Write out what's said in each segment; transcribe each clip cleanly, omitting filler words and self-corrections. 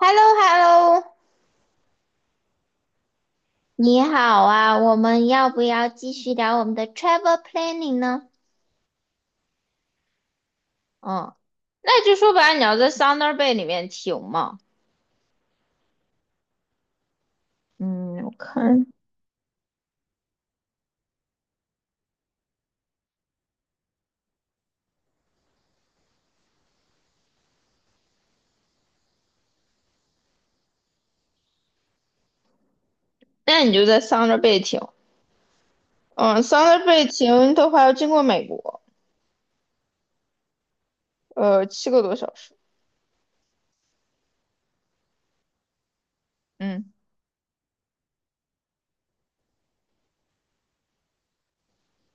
h e l l o HELLO 你好啊，我们要不要继续聊我们的 travel planning 呢？嗯，那就说白了，你要在 Thunder Bay 里面停嘛。嗯，我看，那你就在 Thunder Bay 停。嗯，Thunder Bay 停的话要经过美国。呃，七个多小时。嗯，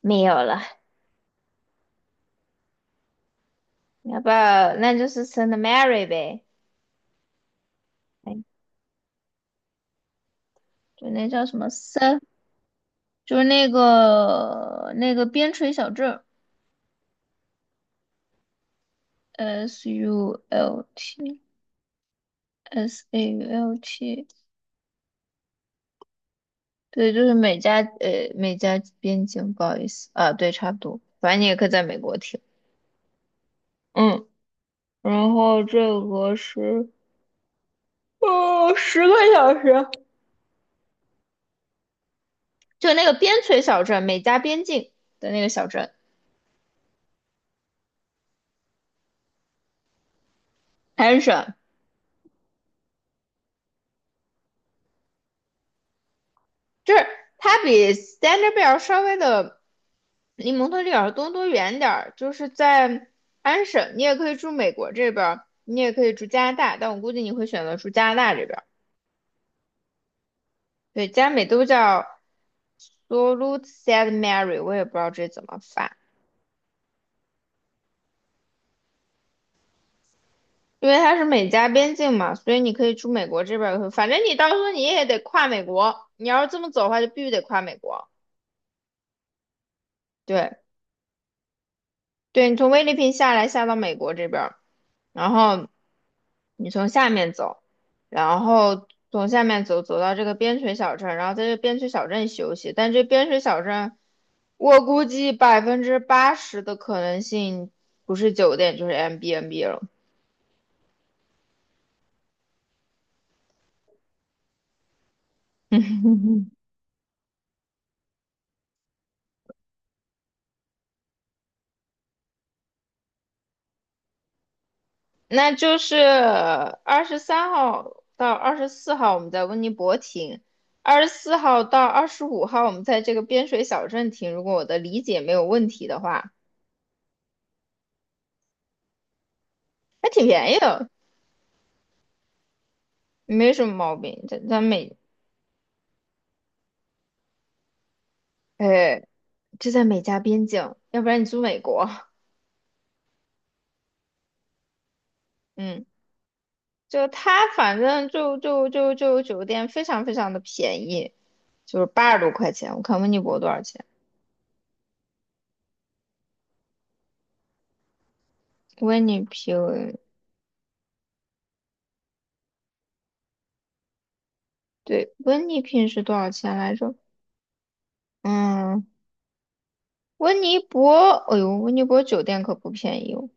没有了，要不要那就是 Saint Mary 呗。哎，就那叫什么 SANT， 就是那个边陲小镇，SULT。SAULT，对，就是美加美加边境，不好意思啊，对，差不多，反正你也可以在美国听。嗯，然后这个是10个小时，就那个边陲小镇，美加边境的那个小镇，安省，就是它比 Standard Bell 稍微的离蒙特利尔和多伦多远点儿，就是在安省。你也可以住美国这边儿，你也可以住加拿大，但我估计你会选择住加拿大这边。对，加美都叫 Sault SAID Mary，我也不知道这怎么发。因为它是美加边境嘛，所以你可以出美国这边儿也会，反正你到时候你也得跨美国，你要是这么走的话，就必须得跨美国。对，对，你从菲律宾下来下到美国这边儿，然后你从下面走，然后从下面走走到这个边陲小镇，然后在这边陲小镇休息，但这边陲小镇，我估计80%的可能性不是酒店就是 MBNB 了。那就是23号到二十四号，我们在温尼伯停；二十四号到25号，我们在这个边水小镇停。如果我的理解没有问题的话，还挺便宜的，没什么毛病。这在美，哎，就在美加边境，要不然你住美国。嗯，就他反正就酒店非常非常的便宜，就是80多块钱。我看温尼伯多少钱？温尼平，对，温尼平是多少钱来着？嗯，温尼伯，哎呦，温尼伯酒店可不便宜哦。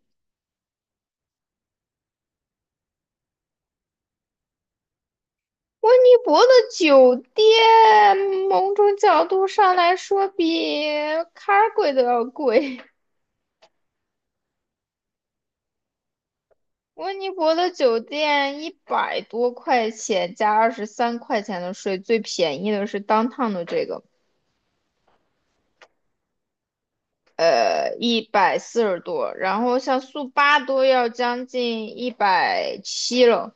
温尼伯的酒店，某种角度上来说比卡尔贵都要贵。温尼伯的酒店100多块钱加23块钱的税，最便宜的是 downtown 的这个。呃，140多。然后像速八都要将近170了。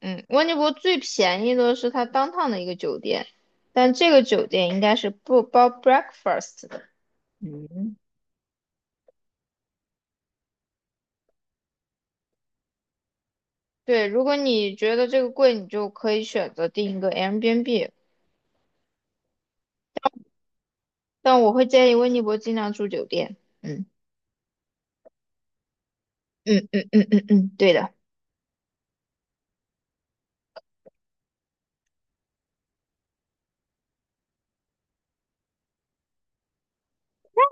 嗯，温尼伯最便宜的是它当趟的一个酒店，但这个酒店应该是不包 breakfast 的。嗯，对，如果你觉得这个贵，你就可以选择订一个 Airbnb，但我会建议温尼伯尽量住酒店。嗯嗯，对的，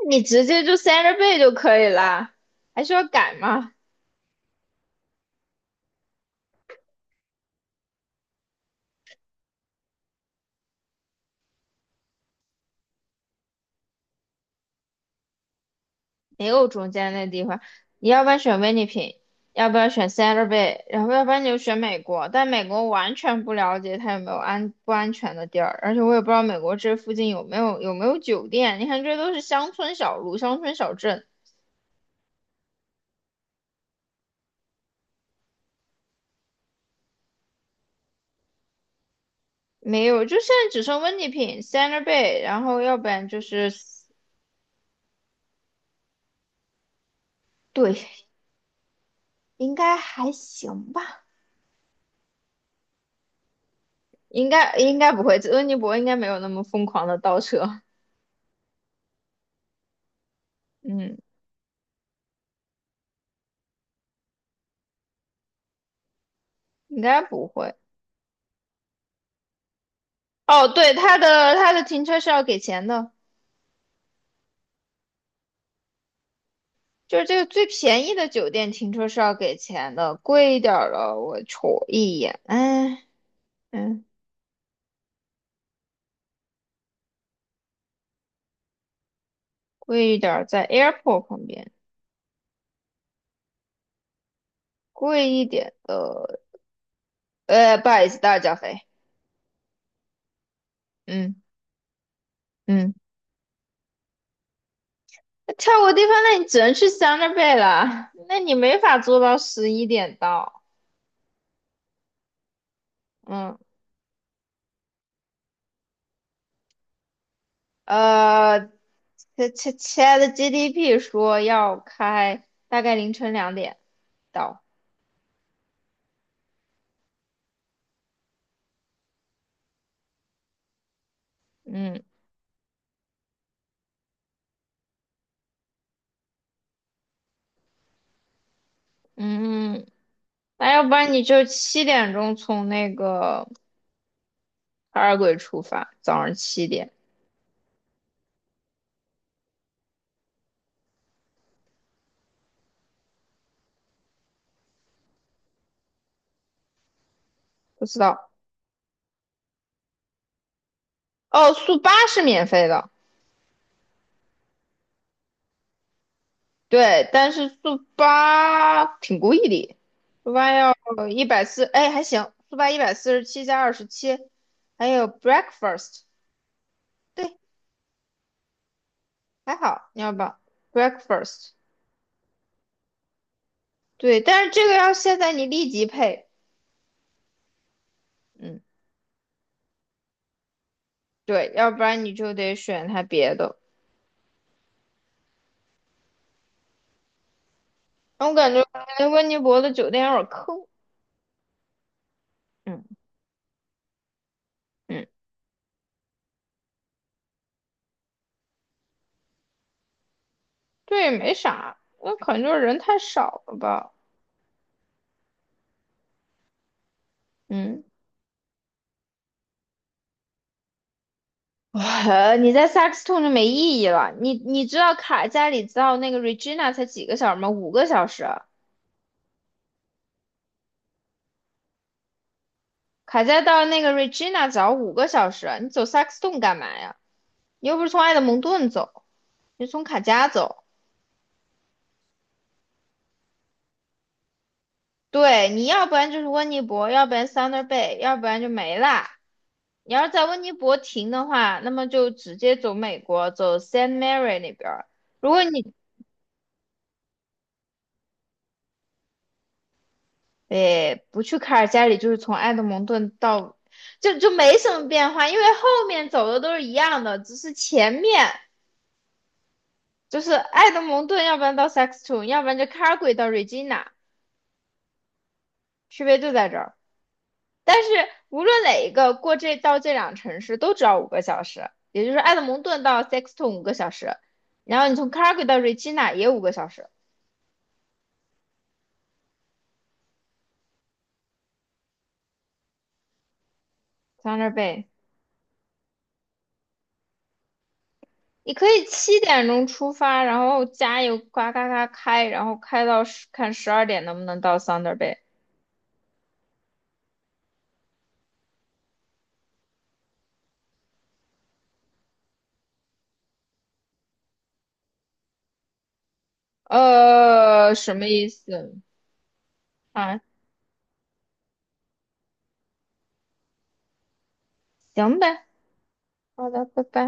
你直接就 Santa Bay 就可以啦，还需要改吗？没有中间那地方，你要不然选温尼平，要不然选 Santa Bay，然后要不然你就选美国。但美国完全不了解它有没有安不安全的地儿，而且我也不知道美国这附近有没有酒店。你看，这都是乡村小路、乡村小镇。没有。就现在只剩温尼平、Santa Bay，然后要不然就是对。应该还行吧，应该不会，温尼伯应该没有那么疯狂的倒车。嗯，应该不会。哦，对，它的停车是要给钱的，就是这个最便宜的酒店停车是要给钱的。贵一点儿的我瞅一眼，哎，嗯，贵一点儿在 airport 旁边，贵一点的。呃，不好意思，大脚肥。嗯嗯，那跳过地方，那你只能去 Thunder Bay 了，那你没法做到11点到。嗯，呃，亲切切的 GDP 说要开大概凌晨2点到。嗯。嗯，那要不然你就七点钟从那个海尔鬼出发，早上7点。不知道。哦，速八是免费的。对，但是速八挺贵的，速八要一百四。哎，还行，速八147加27，还有 breakfast。对，还好。你要不要 breakfast？对，但是这个要现在你立即配。嗯，对，要不然你就得选它别的。我感觉温尼伯的酒店有点坑。嗯。嗯，对，没啥，那可能就是人太少了吧。嗯，哇，你在萨克斯T 就没意义了。你知道卡加里到那个 Regina 才几个小时吗？5个小时。卡加到那个 Regina 只要五个小时，你走萨克斯 t 干嘛呀？你又不是从埃德蒙顿走，你是从卡加走。对，你要不然就是温尼伯，要不然 Thunder Bay，要不然就没啦。你要是在温尼伯停的话，那么就直接走美国，走 Saint Mary 那边儿。如果你，诶，不去卡尔加里，就是从埃德蒙顿到，就没什么变化，因为后面走的都是一样的，只是前面就是埃德蒙顿，要不然到 Saxton，要不然就 c a l g a y 到 Regina，区别就在这儿。但是无论哪一个过这到这两城市都只要五个小时，也就是埃德蒙顿到 Saxton 五个小时，然后你从 c a l g a y 到 Regina 也五个小时，在那儿背。你可以七点钟出发，然后加油，呱嘎嘎开，然后开到十，看12点能不能到 Thunder Bay。呃，什么意思？啊，行呗，好的，拜拜。